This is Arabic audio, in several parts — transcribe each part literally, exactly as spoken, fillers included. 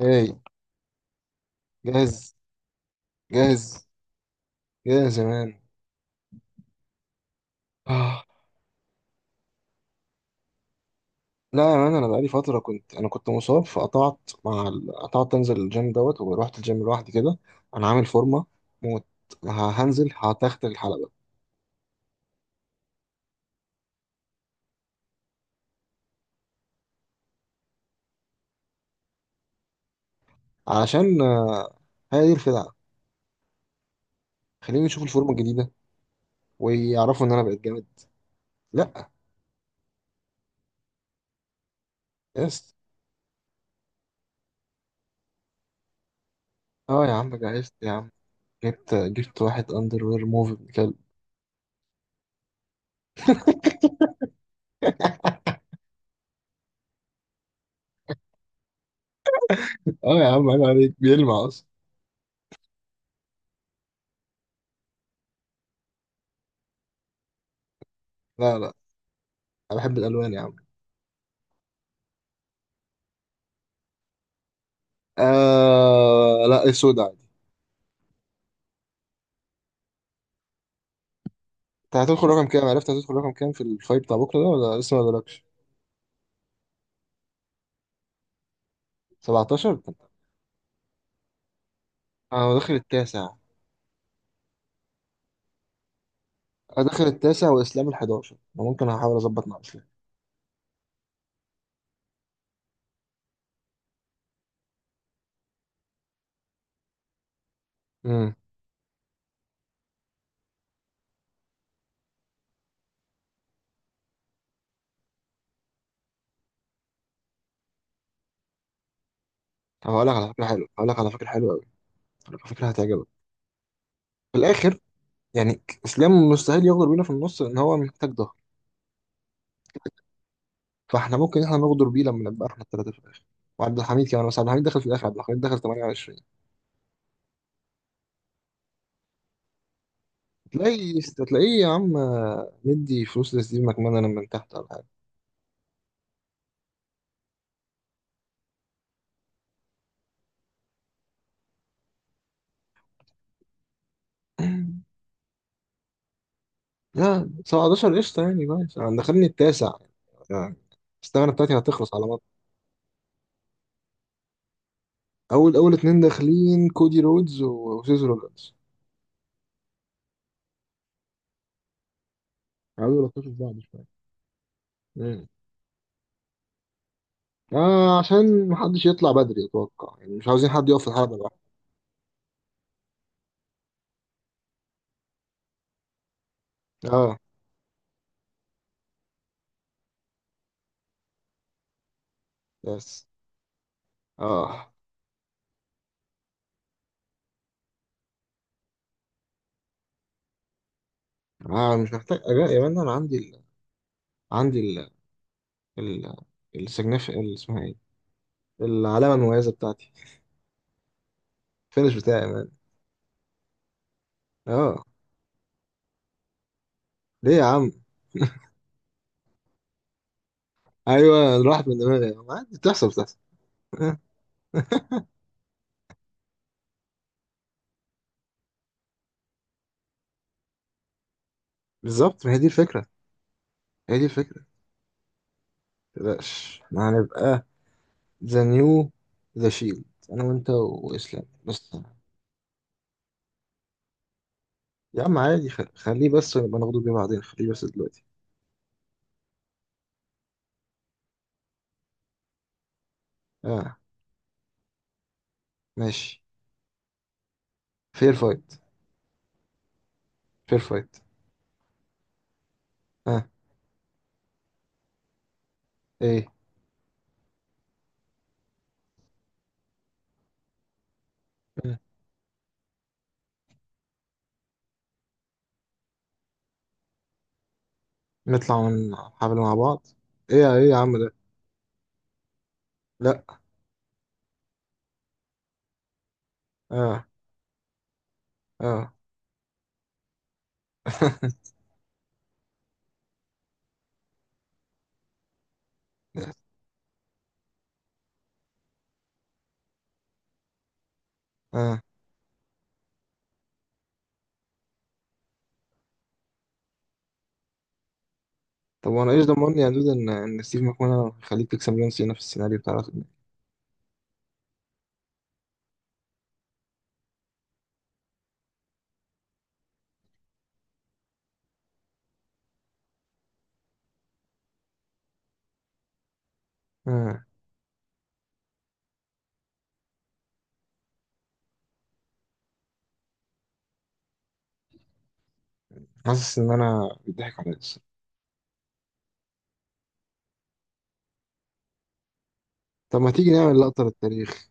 هاي. جاهز جاهز جاهز يا مان. آه. لا يا مان، انا بقالي فتره كنت انا كنت مصاب فقطعت مع ال... قطعت انزل الجيم دوت ورحت الجيم لوحدي كده. انا عامل فورمه موت. ه- هنزل هتختل الحلبه. علشان آه، هي دي الخدعه. خليني اشوف الفورمه الجديده ويعرفوا ان انا بقيت جامد. لا. يس. اه يا عم جهزت يا عم. جبت جبت واحد اندر وير موف ابن كلب. اه يا عم عيب عليك، بيلمع اصلا. لا لا، انا بحب الالوان يا عم. آه لا، السودا. انت هتدخل رقم كام؟ عرفت هتدخل رقم كام في الفايت بتاع بكره ده، ولا لسه ما قالكش؟ سبعتاشر. انا داخل التاسع. انا داخل التاسع، واسلام الحداشر، ممكن هحاول اظبط مع اسلام. امم. طب هقول لك على فكره حلوه، هقول لك على فكره حلوه قوي، هقول لك على فكره هتعجبك. في الاخر يعني اسلام مستحيل يغدر بينا في النص، لان هو محتاج ضهر. فاحنا ممكن احنا نغدر بيه لما نبقى احنا الثلاثه في الاخر. وعبد الحميد كمان، بس عبد الحميد دخل في الاخر، عبد الحميد دخل تمنية وعشرين. تلاقي تلاقيه يا عم، مدي فلوس لستيف ماكمان انا من تحت ولا حاجه. لا، سبعة عشر قشطة يعني، ماشي. انا دخلني التاسع يعني. الثغرة بتاعتي هتخلص على مط. أول أول اتنين داخلين كودي رودز و- وسيزر رودز، عايزين يلطشوا في بعض شويه. مم. آه، عشان محدش يطلع بدري أتوقع، يعني مش عاوزين حد يقف في الحلبة بقى. آه. بس. آه. آه، مش محتاج أجا يا مان، أنا عندي ال... عندي ال ال السجنف، ال- اسمها إيه، العلامة المميزة بتاعتي، الفينش بتاعي يا مان. آه، ليه يا عم؟ أيوه راحت من دماغي يا عم، عادي، بتحصل بتحصل. بالظبط، ما هي دي الفكرة. هي دي الفكرة، متقلقش ما هنبقى ذا نيو، ذا شيلد، أنا وأنت وإسلام بس. يا عم عادي، خ- خليه بس ونبقى ناخده بيه بعدين، خليه بس دلوقتي. آه. ماشي. فير فايت. فير فايت. آه. إيه. مم. نطلع من الحفلة مع بعض. إيه إيه يا عم ده. لأ. آه. آه. آه. طب وأنا إيش ضمني يا دود إن إن ستيف ماكمان هيخليك تكسب جون سينا في السيناريو بتاع الأخر ده؟ آه. حاسس إن أنا بيضحك عليا. طب ما تيجي نعمل لقطة للتاريخ،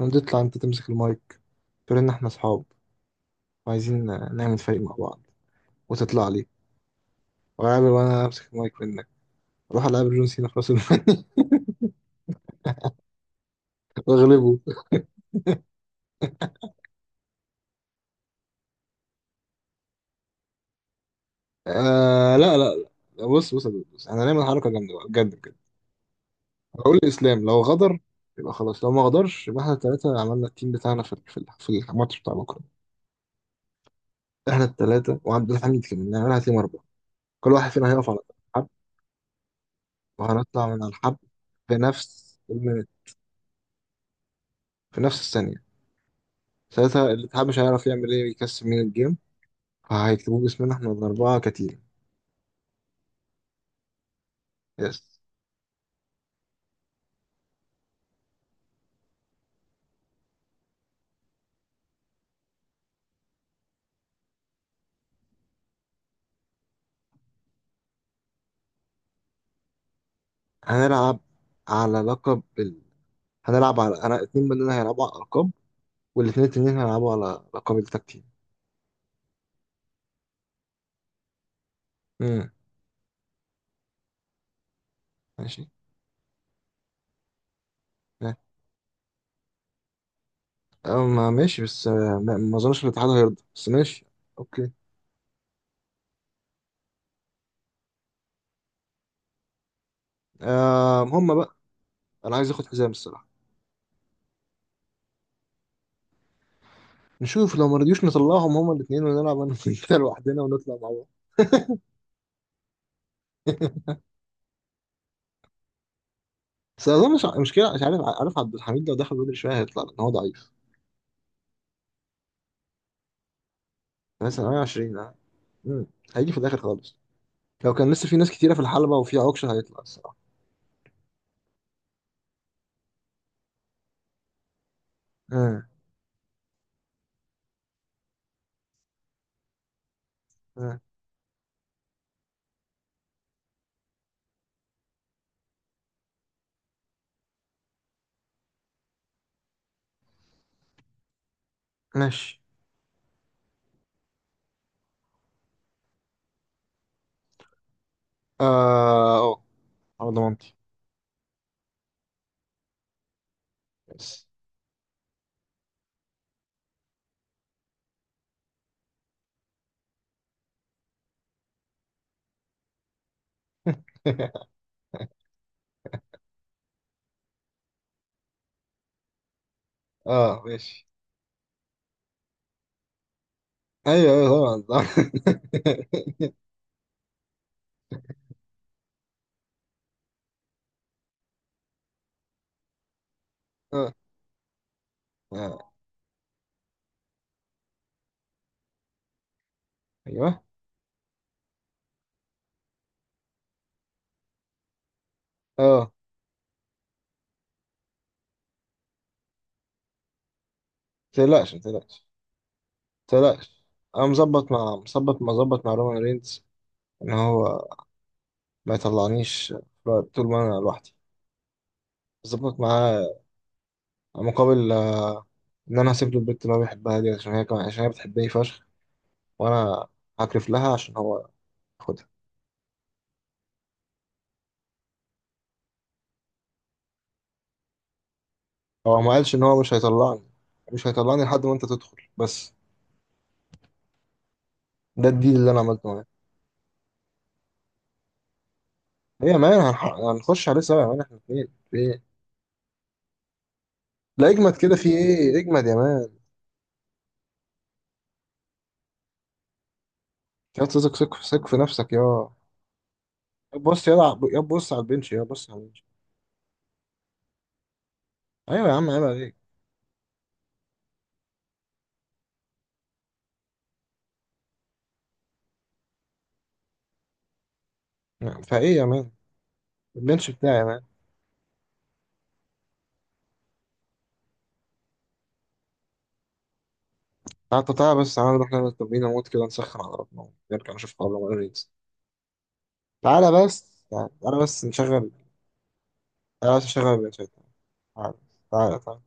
هنطلع انت تمسك المايك، تقول ان احنا اصحاب وعايزين نعمل فريق مع بعض، وتطلع لي وأقابل وانا امسك المايك منك، اروح العب جون سينا في راس المال. واغلبه. آه لا لا. لا بص بص بص، احنا هنعمل حركة جامدة بقى بجد بجد. هقول الاسلام لو غدر يبقى خلاص، لو ما غدرش يبقى احنا التلاتة عملنا التيم بتاعنا في في في الماتش بتاع بكرة. احنا التلاتة وعبد الحميد كمان، نعملها تيم أربعة، كل واحد فينا هيقف على حب، وهنطلع من على الحب في نفس المينت، في نفس الثانية. ساعتها الاتحاد مش هيعرف يعمل ايه، يكسب من الجيم، فهيكتبوه باسمنا احنا الأربعة كتير. يس. هنلعب على لقب ال... هنلعب على، أنا اتنين مننا هيلعبوا على الألقاب، والاتنين التانيين هيلعبوا على لقب التكتيم. امم. ماشي. اه، ما ماشي. بس اه، ما ما أظنش الاتحاد هيرضى، بس ماشي. أوكي. آه هم بقى، أنا عايز آخد حزام الصراحة. نشوف لو ما رضيوش نطلعهم هما الاتنين ونلعب أنا وأنت لوحدنا ونطلع مع بعض. بس أظن مش مشكلة، مش عارف، عارف عبد الحميد لو دخل بدري شوية هيطلع لأن هو ضعيف. مثلا مائة وعشرين. اه. مم. هيجي في الاخر خالص، لو كان لسه في ناس كتيره في الحلبه وفي عكشه هيطلع الصراحه. مم. مم. ماشي. اه اه، على ضمانتي. بس. اه ماشي. ايوه ايوه طبعا طبعا. اه. آه. ايوه. اه ما تقلقش، ما تقلقش، ما تقلقش. انا مظبط مع، مظبط مظبط مع رومان رينز ان هو ما يطلعنيش طول ما انا لوحدي. مظبط معاه، مقابل آه، ان انا هسيب له البنت اللي هو بيحبها دي، عشان هي كمان عشان هي بتحبني فشخ. وانا هكرف لها عشان هو ياخدها. هو ما قالش ان هو مش هيطلعني، مش هيطلعني لحد ما انت تدخل بس. ده الديل اللي انا عملته معاه. ايه يا مان، هنح- هنخش عليه سوا يا مان، احنا اتنين في ايه. لا اجمد كده، في ايه؟ اجمد يا مان. يا تثق، ثق ثق في نفسك يا. بص يلعب، يا بص على البنش، يا بص على البنش. ايوه يا عم عيب عليك. نعم. فايه يا مان؟ البنش بتاعي يا مان. تعال، تعالى بس، تعالى نروح نعمل تمرين موت كده، نسخن على ربنا ونرجع نشوف قبل ما ننزل. تعالى بس، تعالى بس نشغل. تعالى بس نشغل البنش. تعالى. تعالى.